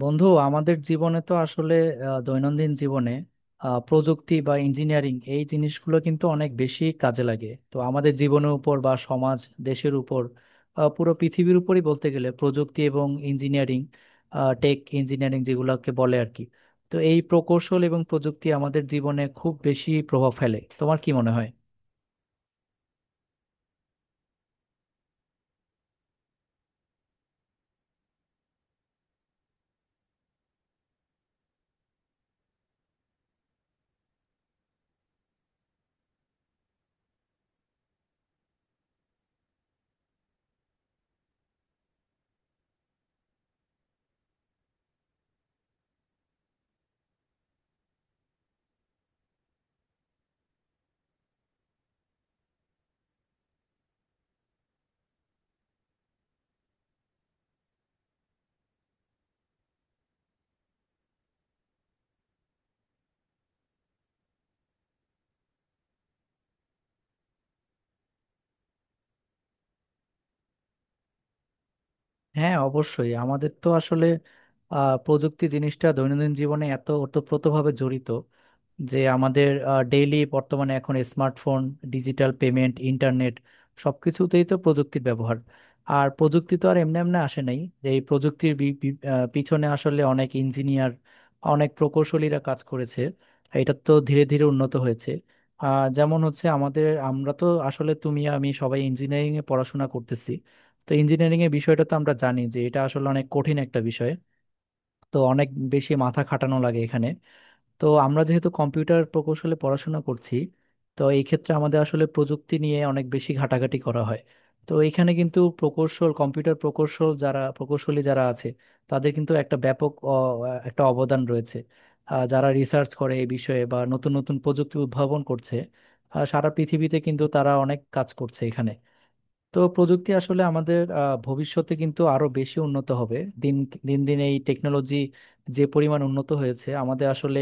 বন্ধু, আমাদের জীবনে তো আসলে দৈনন্দিন জীবনে প্রযুক্তি বা ইঞ্জিনিয়ারিং এই জিনিসগুলো কিন্তু অনেক বেশি কাজে লাগে, তো আমাদের জীবনের উপর বা সমাজ দেশের উপর, পুরো পৃথিবীর উপরই বলতে গেলে প্রযুক্তি এবং ইঞ্জিনিয়ারিং, টেক ইঞ্জিনিয়ারিং যেগুলোকে বলে আর কি। তো এই প্রকৌশল এবং প্রযুক্তি আমাদের জীবনে খুব বেশি প্রভাব ফেলে, তোমার কি মনে হয়? হ্যাঁ, অবশ্যই আমাদের তো আসলে প্রযুক্তি জিনিসটা দৈনন্দিন জীবনে এত ওতপ্রোতভাবে জড়িত যে আমাদের ডেইলি বর্তমানে এখন স্মার্টফোন, ডিজিটাল পেমেন্ট, ইন্টারনেট, সবকিছুতেই তো প্রযুক্তির ব্যবহার। আর প্রযুক্তি তো আর এমনি এমনি আসে নাই, যে এই প্রযুক্তির বি- বি- আহ, পিছনে আসলে অনেক ইঞ্জিনিয়ার, অনেক প্রকৌশলীরা কাজ করেছে। এটা তো ধীরে ধীরে উন্নত হয়েছে। যেমন হচ্ছে আমাদের আমরা তো আসলে তুমি আমি সবাই ইঞ্জিনিয়ারিং এ পড়াশোনা করতেছি। তো ইঞ্জিনিয়ারিং এর বিষয়টা তো আমরা জানি যে এটা আসলে অনেক কঠিন একটা বিষয়। তো অনেক বেশি মাথা খাটানো লাগে এখানে। তো আমরা যেহেতু কম্পিউটার প্রকৌশলে পড়াশোনা করছি, তো এই ক্ষেত্রে আমাদের আসলে প্রযুক্তি নিয়ে অনেক বেশি ঘাটাঘাটি করা হয়। তো এখানে কিন্তু প্রকৌশল, কম্পিউটার প্রকৌশল, যারা প্রকৌশলী যারা আছে তাদের কিন্তু একটা ব্যাপক একটা অবদান রয়েছে। যারা রিসার্চ করে এই বিষয়ে বা নতুন নতুন প্রযুক্তি উদ্ভাবন করছে, সারা পৃথিবীতে কিন্তু তারা অনেক কাজ করছে এখানে। তো প্রযুক্তি আসলে আমাদের ভবিষ্যতে কিন্তু আরো বেশি উন্নত হবে। দিন দিন দিন এই টেকনোলজি যে পরিমাণ উন্নত হয়েছে আমাদের আসলে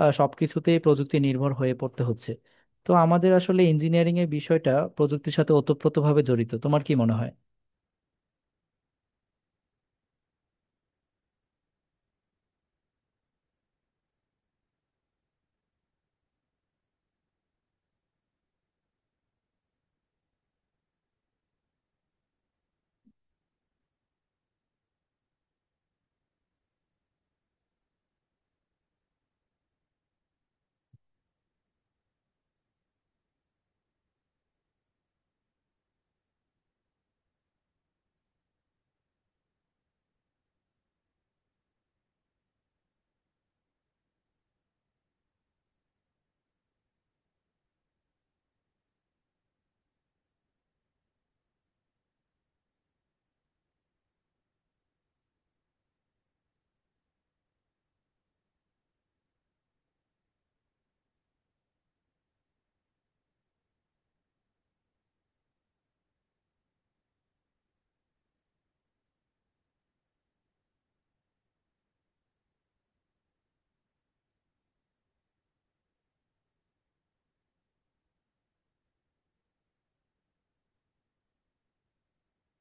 সবকিছুতেই প্রযুক্তি নির্ভর হয়ে পড়তে হচ্ছে। তো আমাদের আসলে ইঞ্জিনিয়ারিং এর বিষয়টা প্রযুক্তির সাথে ওতপ্রোতভাবে জড়িত, তোমার কি মনে হয়?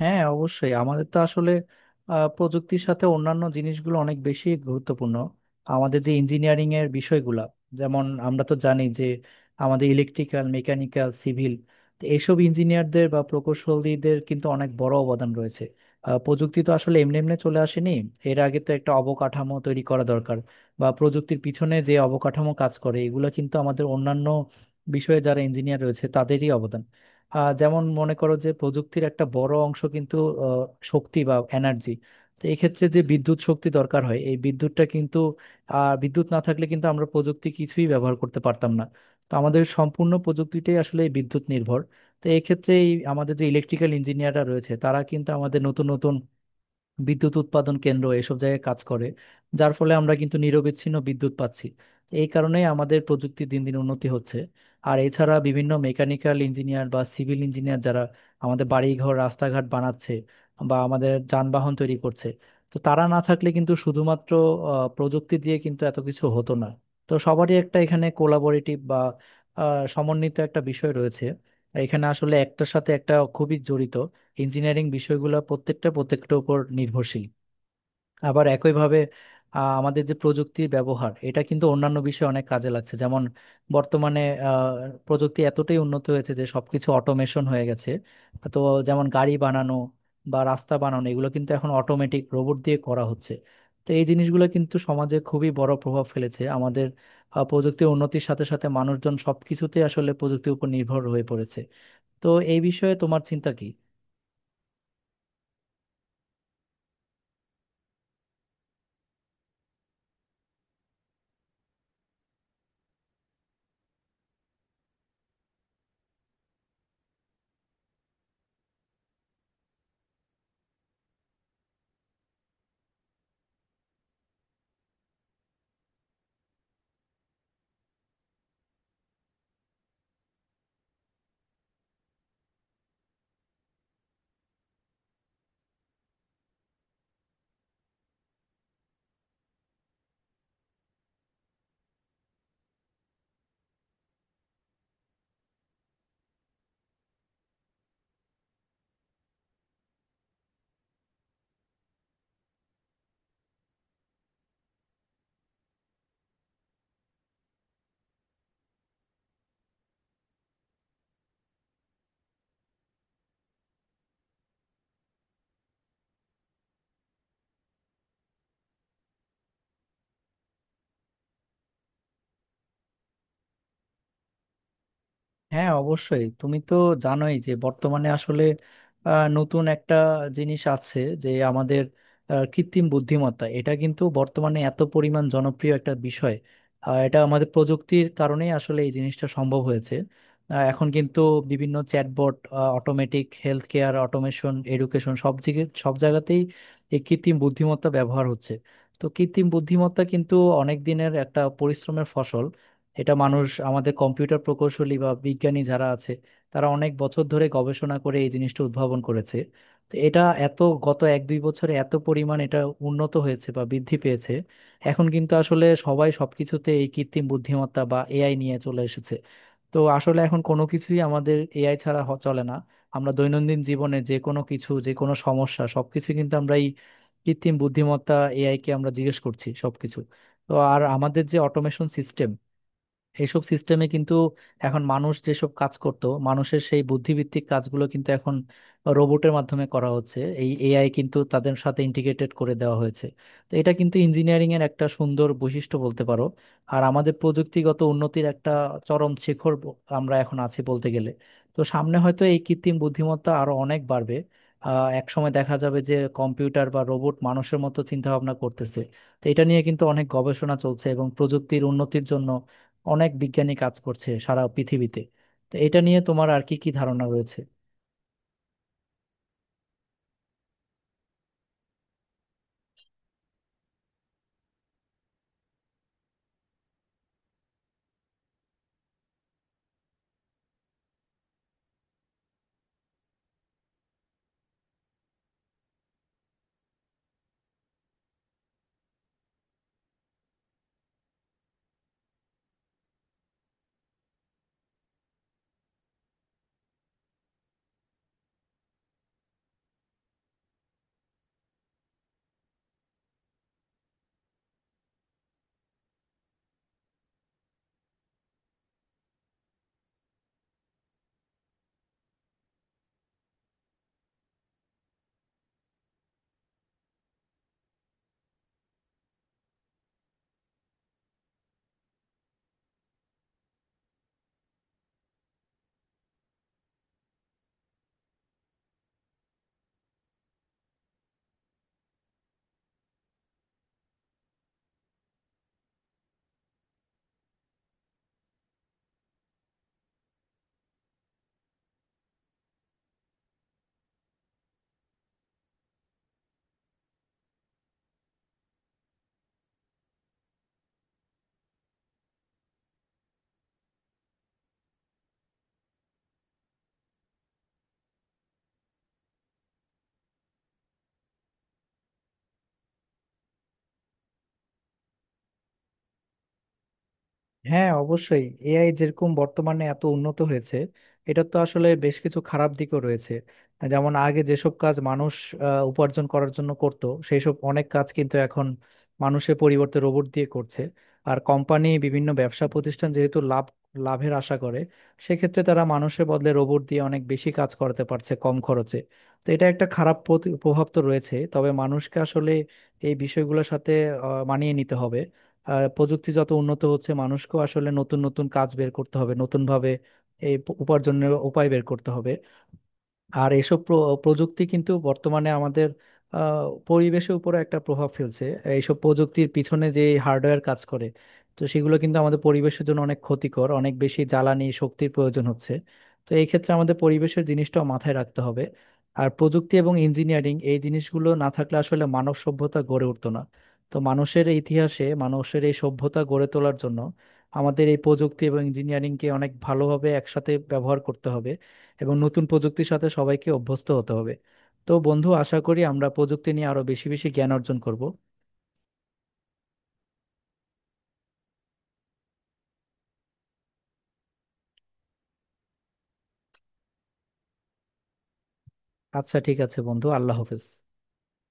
হ্যাঁ, অবশ্যই আমাদের তো আসলে প্রযুক্তির সাথে অন্যান্য জিনিসগুলো অনেক বেশি গুরুত্বপূর্ণ। আমাদের যে ইঞ্জিনিয়ারিং এর বিষয়গুলো, যেমন আমরা তো জানি যে আমাদের ইলেকট্রিক্যাল, মেকানিক্যাল, সিভিল, এইসব ইঞ্জিনিয়ারদের বা প্রকৌশলীদের কিন্তু অনেক বড় অবদান রয়েছে। প্রযুক্তি তো আসলে এমনি এমনি চলে আসেনি। এর আগে তো একটা অবকাঠামো তৈরি করা দরকার, বা প্রযুক্তির পিছনে যে অবকাঠামো কাজ করে এগুলো কিন্তু আমাদের অন্যান্য বিষয়ে যারা ইঞ্জিনিয়ার রয়েছে তাদেরই অবদান। যেমন মনে করো যে প্রযুক্তির একটা বড় অংশ কিন্তু আহ, শক্তি বা এনার্জি। তো এক্ষেত্রে যে বিদ্যুৎ শক্তি দরকার হয় এই বিদ্যুৎটা কিন্তু বিদ্যুৎ না থাকলে কিন্তু আমরা প্রযুক্তি কিছুই ব্যবহার করতে পারতাম না। তো আমাদের সম্পূর্ণ প্রযুক্তিটাই আসলে বিদ্যুৎ নির্ভর। তো এক্ষেত্রে এই আমাদের যে ইলেকট্রিক্যাল ইঞ্জিনিয়াররা রয়েছে তারা কিন্তু আমাদের নতুন নতুন বিদ্যুৎ উৎপাদন কেন্দ্র এসব জায়গায় কাজ করে, যার ফলে আমরা কিন্তু নিরবিচ্ছিন্ন বিদ্যুৎ পাচ্ছি। এই কারণেই আমাদের প্রযুক্তি দিন দিন উন্নতি হচ্ছে। আর এছাড়া বিভিন্ন মেকানিক্যাল ইঞ্জিনিয়ার বা সিভিল ইঞ্জিনিয়ার যারা আমাদের বাড়িঘর, রাস্তাঘাট বানাচ্ছে, বা আমাদের যানবাহন তৈরি করছে, তো তারা না থাকলে কিন্তু শুধুমাত্র প্রযুক্তি দিয়ে কিন্তু এত কিছু হতো না। তো সবারই একটা এখানে কোলাবোরেটিভ বা সমন্বিত একটা বিষয় রয়েছে। এখানে আসলে একটার সাথে একটা খুবই জড়িত, ইঞ্জিনিয়ারিং বিষয়গুলো প্রত্যেকটা প্রত্যেকটার উপর নির্ভরশীল। আবার একইভাবে আমাদের যে প্রযুক্তির ব্যবহার এটা কিন্তু অন্যান্য বিষয়ে অনেক কাজে লাগছে, যেমন বর্তমানে আহ, প্রযুক্তি এতটাই উন্নত হয়েছে যে সবকিছু অটোমেশন হয়ে গেছে। তো যেমন গাড়ি বানানো বা রাস্তা বানানো, এগুলো কিন্তু এখন অটোমেটিক রোবট দিয়ে করা হচ্ছে। তো এই জিনিসগুলো কিন্তু সমাজে খুবই বড় প্রভাব ফেলেছে আমাদের। প্রযুক্তির উন্নতির সাথে সাথে মানুষজন সবকিছুতে আসলে প্রযুক্তির উপর নির্ভর হয়ে পড়েছে। তো এই বিষয়ে তোমার চিন্তা কি? হ্যাঁ, অবশ্যই তুমি তো জানোই যে বর্তমানে আসলে নতুন একটা জিনিস আছে যে আমাদের কৃত্রিম বুদ্ধিমত্তা, এটা কিন্তু বর্তমানে এত পরিমাণ জনপ্রিয় একটা বিষয়। এটা আমাদের প্রযুক্তির কারণেই আসলে এই জিনিসটা সম্ভব হয়েছে। এখন কিন্তু বিভিন্ন chatbot, automatic health care, automation, education, সব দিকে সব জায়গাতেই এই কৃত্রিম বুদ্ধিমত্তা ব্যবহার হচ্ছে। তো কৃত্রিম বুদ্ধিমত্তা কিন্তু অনেক দিনের একটা পরিশ্রমের ফসল। এটা মানুষ আমাদের কম্পিউটার প্রকৌশলী বা বিজ্ঞানী যারা আছে তারা অনেক বছর ধরে গবেষণা করে এই জিনিসটা উদ্ভাবন করেছে। তো এটা এত গত এক দুই বছরে এত পরিমাণ এটা উন্নত হয়েছে বা বৃদ্ধি পেয়েছে। এখন কিন্তু আসলে সবাই সবকিছুতে এই কৃত্রিম বুদ্ধিমত্তা বা এআই নিয়ে চলে এসেছে। তো আসলে এখন কোনো কিছুই আমাদের এআই ছাড়া চলে না। আমরা দৈনন্দিন জীবনে যে কোনো কিছু যে কোনো সমস্যা সবকিছু কিন্তু আমরা এই কৃত্রিম বুদ্ধিমত্তা, এআই কে আমরা জিজ্ঞেস করছি সবকিছু। তো আর আমাদের যে অটোমেশন সিস্টেম, এইসব সিস্টেমে কিন্তু এখন মানুষ যেসব কাজ করত মানুষের সেই বুদ্ধিভিত্তিক কাজগুলো কিন্তু এখন রোবটের মাধ্যমে করা হচ্ছে, এই এআই কিন্তু তাদের সাথে ইন্টিগ্রেটেড করে দেওয়া হয়েছে। তো এটা কিন্তু ইঞ্জিনিয়ারিং এর একটা সুন্দর বৈশিষ্ট্য বলতে পারো। আর আমাদের প্রযুক্তিগত উন্নতির একটা চরম শিখর আমরা এখন আছি বলতে গেলে। তো সামনে হয়তো এই কৃত্রিম বুদ্ধিমত্তা আরো অনেক বাড়বে। এক সময় দেখা যাবে যে কম্পিউটার বা রোবট মানুষের মতো চিন্তা ভাবনা করতেছে। তো এটা নিয়ে কিন্তু অনেক গবেষণা চলছে এবং প্রযুক্তির উন্নতির জন্য অনেক বিজ্ঞানী কাজ করছে সারা পৃথিবীতে। তো এটা নিয়ে তোমার আর কি কি ধারণা রয়েছে? হ্যাঁ, অবশ্যই এআই যেরকম বর্তমানে এত উন্নত হয়েছে, এটা তো আসলে বেশ কিছু খারাপ দিকও রয়েছে। যেমন আগে যেসব কাজ মানুষ উপার্জন করার জন্য করত, সেই সব অনেক কাজ কিন্তু এখন মানুষের পরিবর্তে রোবট দিয়ে করছে। আর কোম্পানি, বিভিন্ন ব্যবসা প্রতিষ্ঠান যেহেতু লাভের আশা করে, সেক্ষেত্রে তারা মানুষের বদলে রোবট দিয়ে অনেক বেশি কাজ করাতে পারছে কম খরচে। তো এটা একটা খারাপ প্রভাব তো রয়েছে, তবে মানুষকে আসলে এই বিষয়গুলোর সাথে মানিয়ে নিতে হবে। প্রযুক্তি যত উন্নত হচ্ছে মানুষকেও আসলে নতুন নতুন কাজ বের করতে হবে, নতুন ভাবে এই উপার্জনের উপায় বের করতে হবে। আর এসব প্রযুক্তি কিন্তু বর্তমানে আমাদের পরিবেশের উপরে একটা প্রভাব ফেলছে। এইসব প্রযুক্তির পিছনে যে হার্ডওয়্যার কাজ করে, তো সেগুলো কিন্তু আমাদের পরিবেশের জন্য অনেক ক্ষতিকর, অনেক বেশি জ্বালানি শক্তির প্রয়োজন হচ্ছে। তো এই ক্ষেত্রে আমাদের পরিবেশের জিনিসটাও মাথায় রাখতে হবে। আর প্রযুক্তি এবং ইঞ্জিনিয়ারিং এই জিনিসগুলো না থাকলে আসলে মানব সভ্যতা গড়ে উঠতো না। তো মানুষের ইতিহাসে মানুষের এই সভ্যতা গড়ে তোলার জন্য আমাদের এই প্রযুক্তি এবং ইঞ্জিনিয়ারিংকে অনেক ভালোভাবে একসাথে ব্যবহার করতে হবে এবং নতুন প্রযুক্তির সাথে সবাইকে অভ্যস্ত হতে হবে। তো বন্ধু, আশা করি আমরা প্রযুক্তি নিয়ে আরো বেশি বেশি জ্ঞান অর্জন করব। আচ্ছা ঠিক আছে বন্ধু, আল্লাহ হাফেজ।